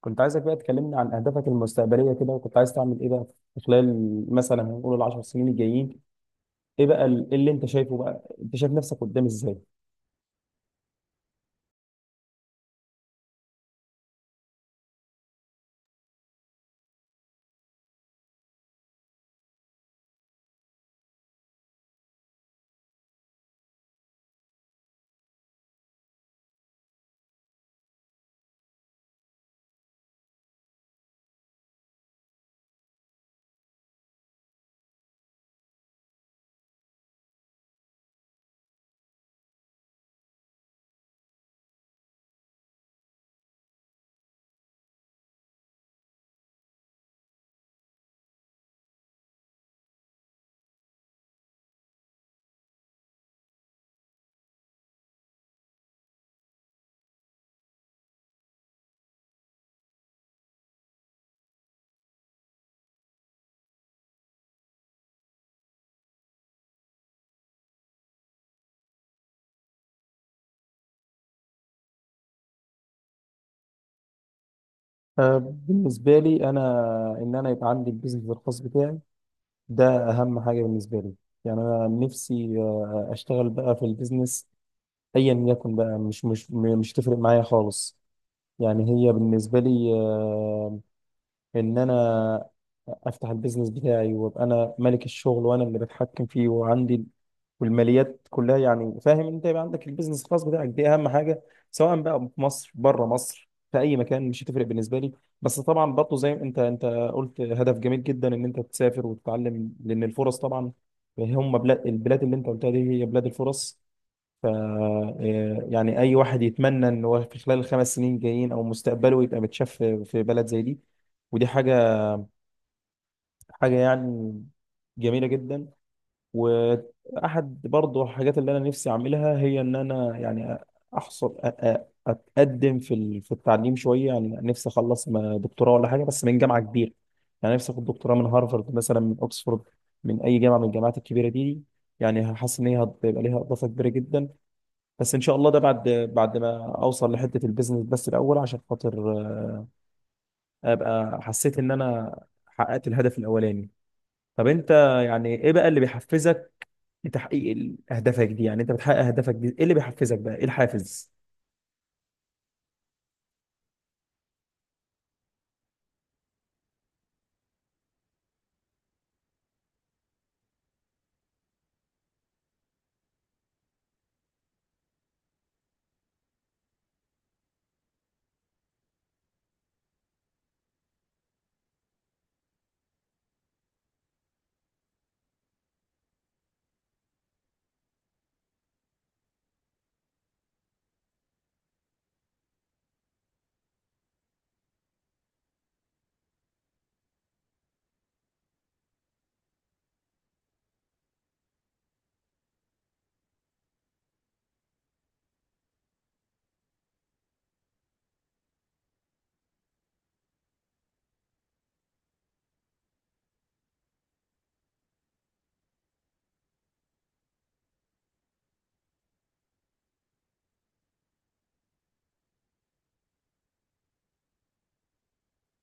كنت عايزك بقى تكلمنا عن أهدافك المستقبلية كده، وكنت عايز تعمل إيه بقى في خلال مثلا هنقول العشر سنين الجايين. إيه بقى إيه اللي أنت شايفه بقى؟ أنت شايف نفسك قدام إزاي؟ بالنسبة لي أنا، إن أنا يبقى عندي البيزنس الخاص بتاعي، ده أهم حاجة بالنسبة لي. يعني أنا نفسي أشتغل بقى في البيزنس، أيا يكن بقى، مش تفرق معايا خالص. يعني هي بالنسبة لي، إن أنا افتح البيزنس بتاعي وابقى انا ملك الشغل وانا اللي بتحكم فيه وعندي والماليات كلها. يعني فاهم انت؟ يبقى عندك البيزنس الخاص بتاعك، دي اهم حاجه، سواء بقى في مصر، بره مصر، في اي مكان، مش هتفرق بالنسبه لي. بس طبعا برضه زي ما انت قلت، هدف جميل جدا ان انت تسافر وتتعلم، لان الفرص طبعا هم البلاد اللي انت قلتها دي هي بلاد الفرص. ف يعني اي واحد يتمنى ان هو في خلال الخمس سنين جايين او مستقبله يبقى متشاف في بلد زي دي، ودي حاجه يعني جميله جدا. واحد برضو الحاجات اللي انا نفسي اعملها، هي ان انا يعني احصل اتقدم في التعليم شويه. يعني نفسي اخلص دكتوراه ولا حاجه بس من جامعه كبيره، يعني نفسي اخد دكتوراه من هارفارد مثلا، من اوكسفورد، من اي جامعه من الجامعات الكبيره دي. يعني حاسس ان هي هتبقى ليها اضافه كبيره جدا، بس ان شاء الله ده بعد ما اوصل لحته البيزنس بس الاول، عشان خاطر ابقى حسيت ان انا حققت الهدف الاولاني. طب انت يعني ايه بقى اللي بيحفزك لتحقيق اهدافك دي؟ يعني انت بتحقق اهدافك دي، ايه اللي بيحفزك بقى؟ ايه الحافز؟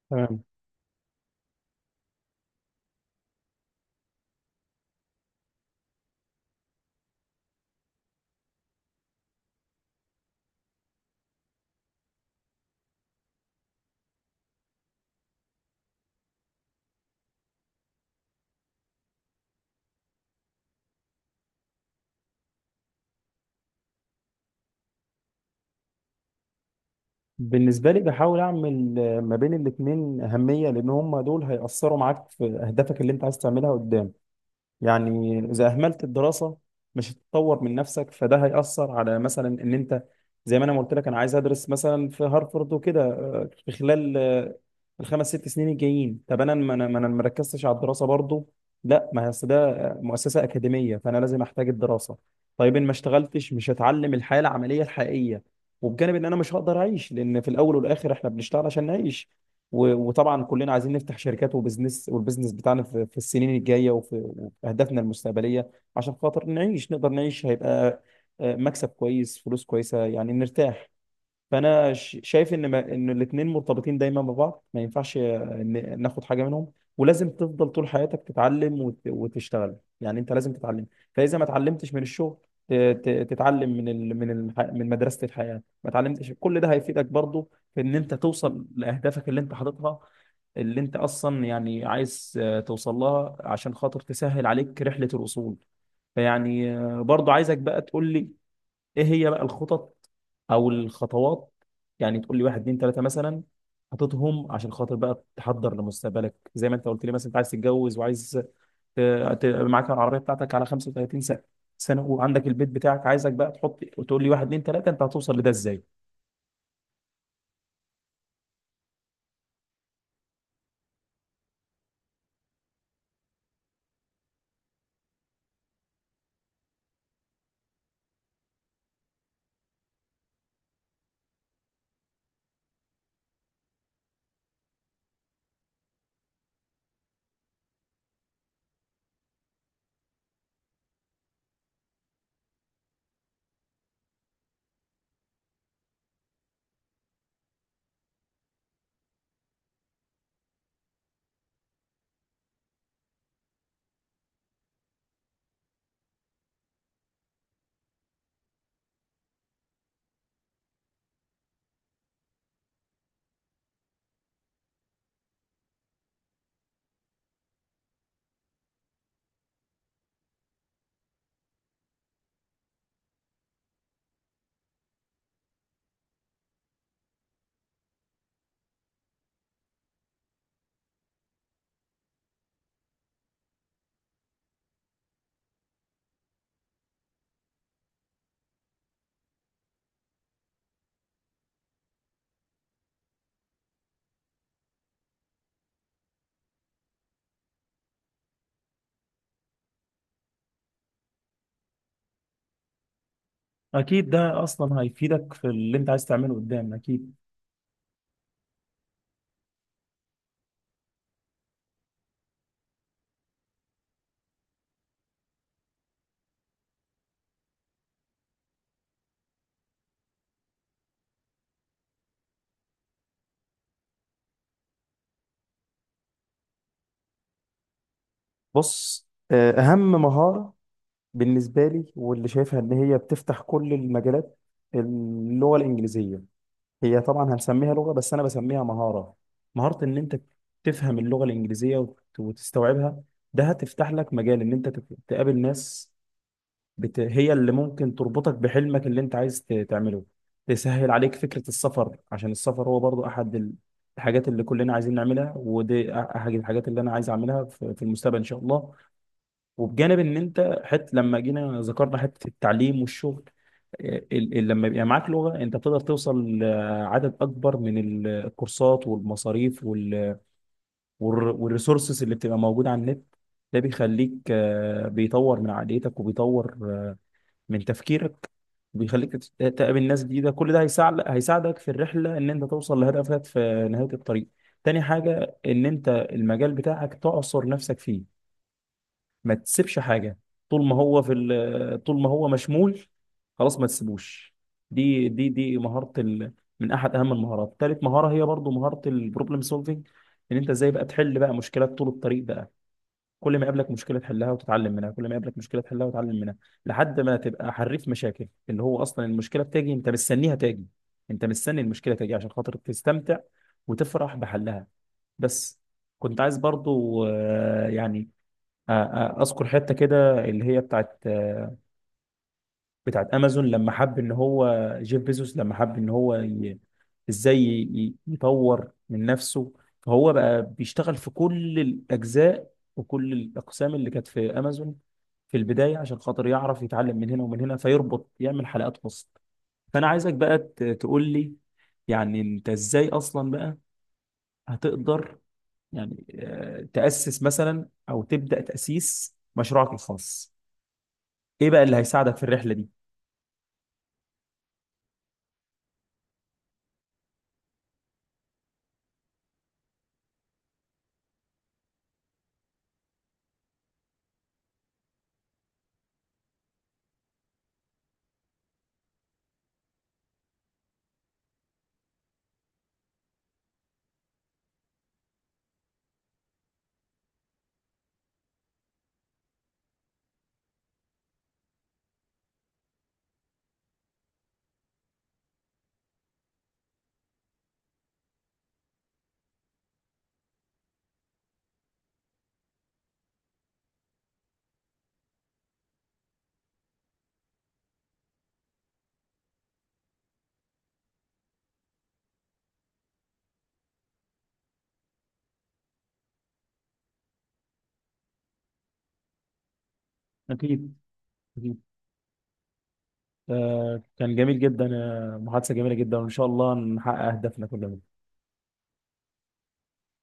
تمام. بالنسبة لي بحاول أعمل ما بين الاتنين أهمية، لأن هما دول هيأثروا معاك في أهدافك اللي أنت عايز تعملها قدام. يعني إذا أهملت الدراسة، مش هتتطور من نفسك، فده هيأثر على مثلا إن أنت زي ما أنا قلت لك، أنا عايز أدرس مثلا في هارفرد وكده في خلال الخمس ست سنين الجايين. طب أنا ما أنا ما ركزتش على الدراسة برضو؟ لا، ما هي أصل ده مؤسسة أكاديمية، فأنا لازم أحتاج الدراسة. طيب إن ما اشتغلتش، مش هتعلم الحياة العملية الحقيقية، وبجانب إن أنا مش هقدر أعيش، لأن في الأول والآخر إحنا بنشتغل عشان نعيش. وطبعا كلنا عايزين نفتح شركات وبزنس، والبزنس بتاعنا في السنين الجايه وفي اهدافنا المستقبليه، عشان خاطر نعيش، نقدر نعيش، هيبقى مكسب كويس، فلوس كويسه، يعني نرتاح. فانا شايف ان، ما ان الاثنين مرتبطين دايما ببعض، ما ينفعش ناخد حاجه منهم، ولازم تفضل طول حياتك تتعلم وتشتغل، يعني انت لازم تتعلم. فاذا ما اتعلمتش من الشغل، تتعلم من مدرسه الحياه، ما اتعلمتش، كل ده هيفيدك برضو في ان انت توصل لاهدافك اللي انت حاططها، اللي انت اصلا يعني عايز توصل لها، عشان خاطر تسهل عليك رحله الوصول. فيعني برضو عايزك بقى تقول لي، ايه هي بقى الخطط او الخطوات؟ يعني تقول لي واحد اتنين تلاته مثلا حاططهم، عشان خاطر بقى تحضر لمستقبلك. زي ما انت قلت لي، مثلا انت عايز تتجوز، وعايز ت- معاك العربيه بتاعتك على 35 سنه، وعندك البيت بتاعك. عايزك بقى تحط وتقول لي واحد اتنين تلاته انت هتوصل لده ازاي. اكيد ده اصلا هيفيدك في اللي انت عايز تعمله قدام، اكيد. بص، اهم مهاره بالنسبه لي، واللي شايفها ان هي بتفتح كل المجالات، اللغه الانجليزيه. هي طبعا هنسميها لغة، بس أنا بسميها مهارة، مهارة إن أنت تفهم اللغة الإنجليزية وتستوعبها. ده هتفتح لك مجال إن أنت تقابل ناس، هي اللي ممكن تربطك بحلمك اللي أنت عايز تعمله، تسهل عليك فكرة السفر، عشان السفر هو برضو أحد الحاجات اللي كلنا عايزين نعملها، ودي أحد الحاجات اللي أنا عايز أعملها في المستقبل إن شاء الله. وبجانب ان انت، لما جينا ذكرنا حته التعليم والشغل، لما يبقى معاك لغه، انت بتقدر توصل لعدد اكبر من الكورسات والمصاريف والريسورسز اللي بتبقى موجوده على النت. ده بيخليك بيطور من عقليتك، وبيطور من تفكيرك، وبيخليك تقابل ناس جديده، كل ده هيساعدك في الرحله ان انت توصل لهدفك في نهايه الطريق. تاني حاجه ان انت المجال بتاعك تعصر نفسك فيه، ما تسيبش حاجه، طول ما هو مشمول، خلاص ما تسيبوش. دي مهاره من احد اهم المهارات. تالت مهاره هي برضو مهاره البروبلم سولفنج، ان انت ازاي بقى تحل بقى مشكلات طول الطريق بقى. كل ما يقابلك مشكله تحلها وتتعلم منها، كل ما يقابلك مشكله تحلها وتتعلم منها، لحد ما تبقى حريف مشاكل، اللي هو اصلا المشكله بتاجي انت مستنيها تاجي، انت مستني المشكله تاجي عشان خاطر تستمتع وتفرح بحلها. بس كنت عايز برضو يعني آه، اذكر حته كده اللي هي بتاعت امازون، لما حب ان هو جيف بيزوس، لما حب ان هو ازاي يطور من نفسه، فهو بقى بيشتغل في كل الاجزاء وكل الاقسام اللي كانت في امازون في البدايه، عشان خاطر يعرف يتعلم من هنا ومن هنا، فيربط يعمل حلقات وسط. فانا عايزك بقى تقول لي، يعني انت ازاي اصلا بقى هتقدر يعني تأسس مثلا او تبدأ تأسيس مشروعك الخاص؟ ايه بقى اللي هيساعدك في الرحله دي؟ أكيد. أكيد. كان جميل جدا. محادثة جميلة جدا، وإن شاء الله نحقق أهدافنا كلنا.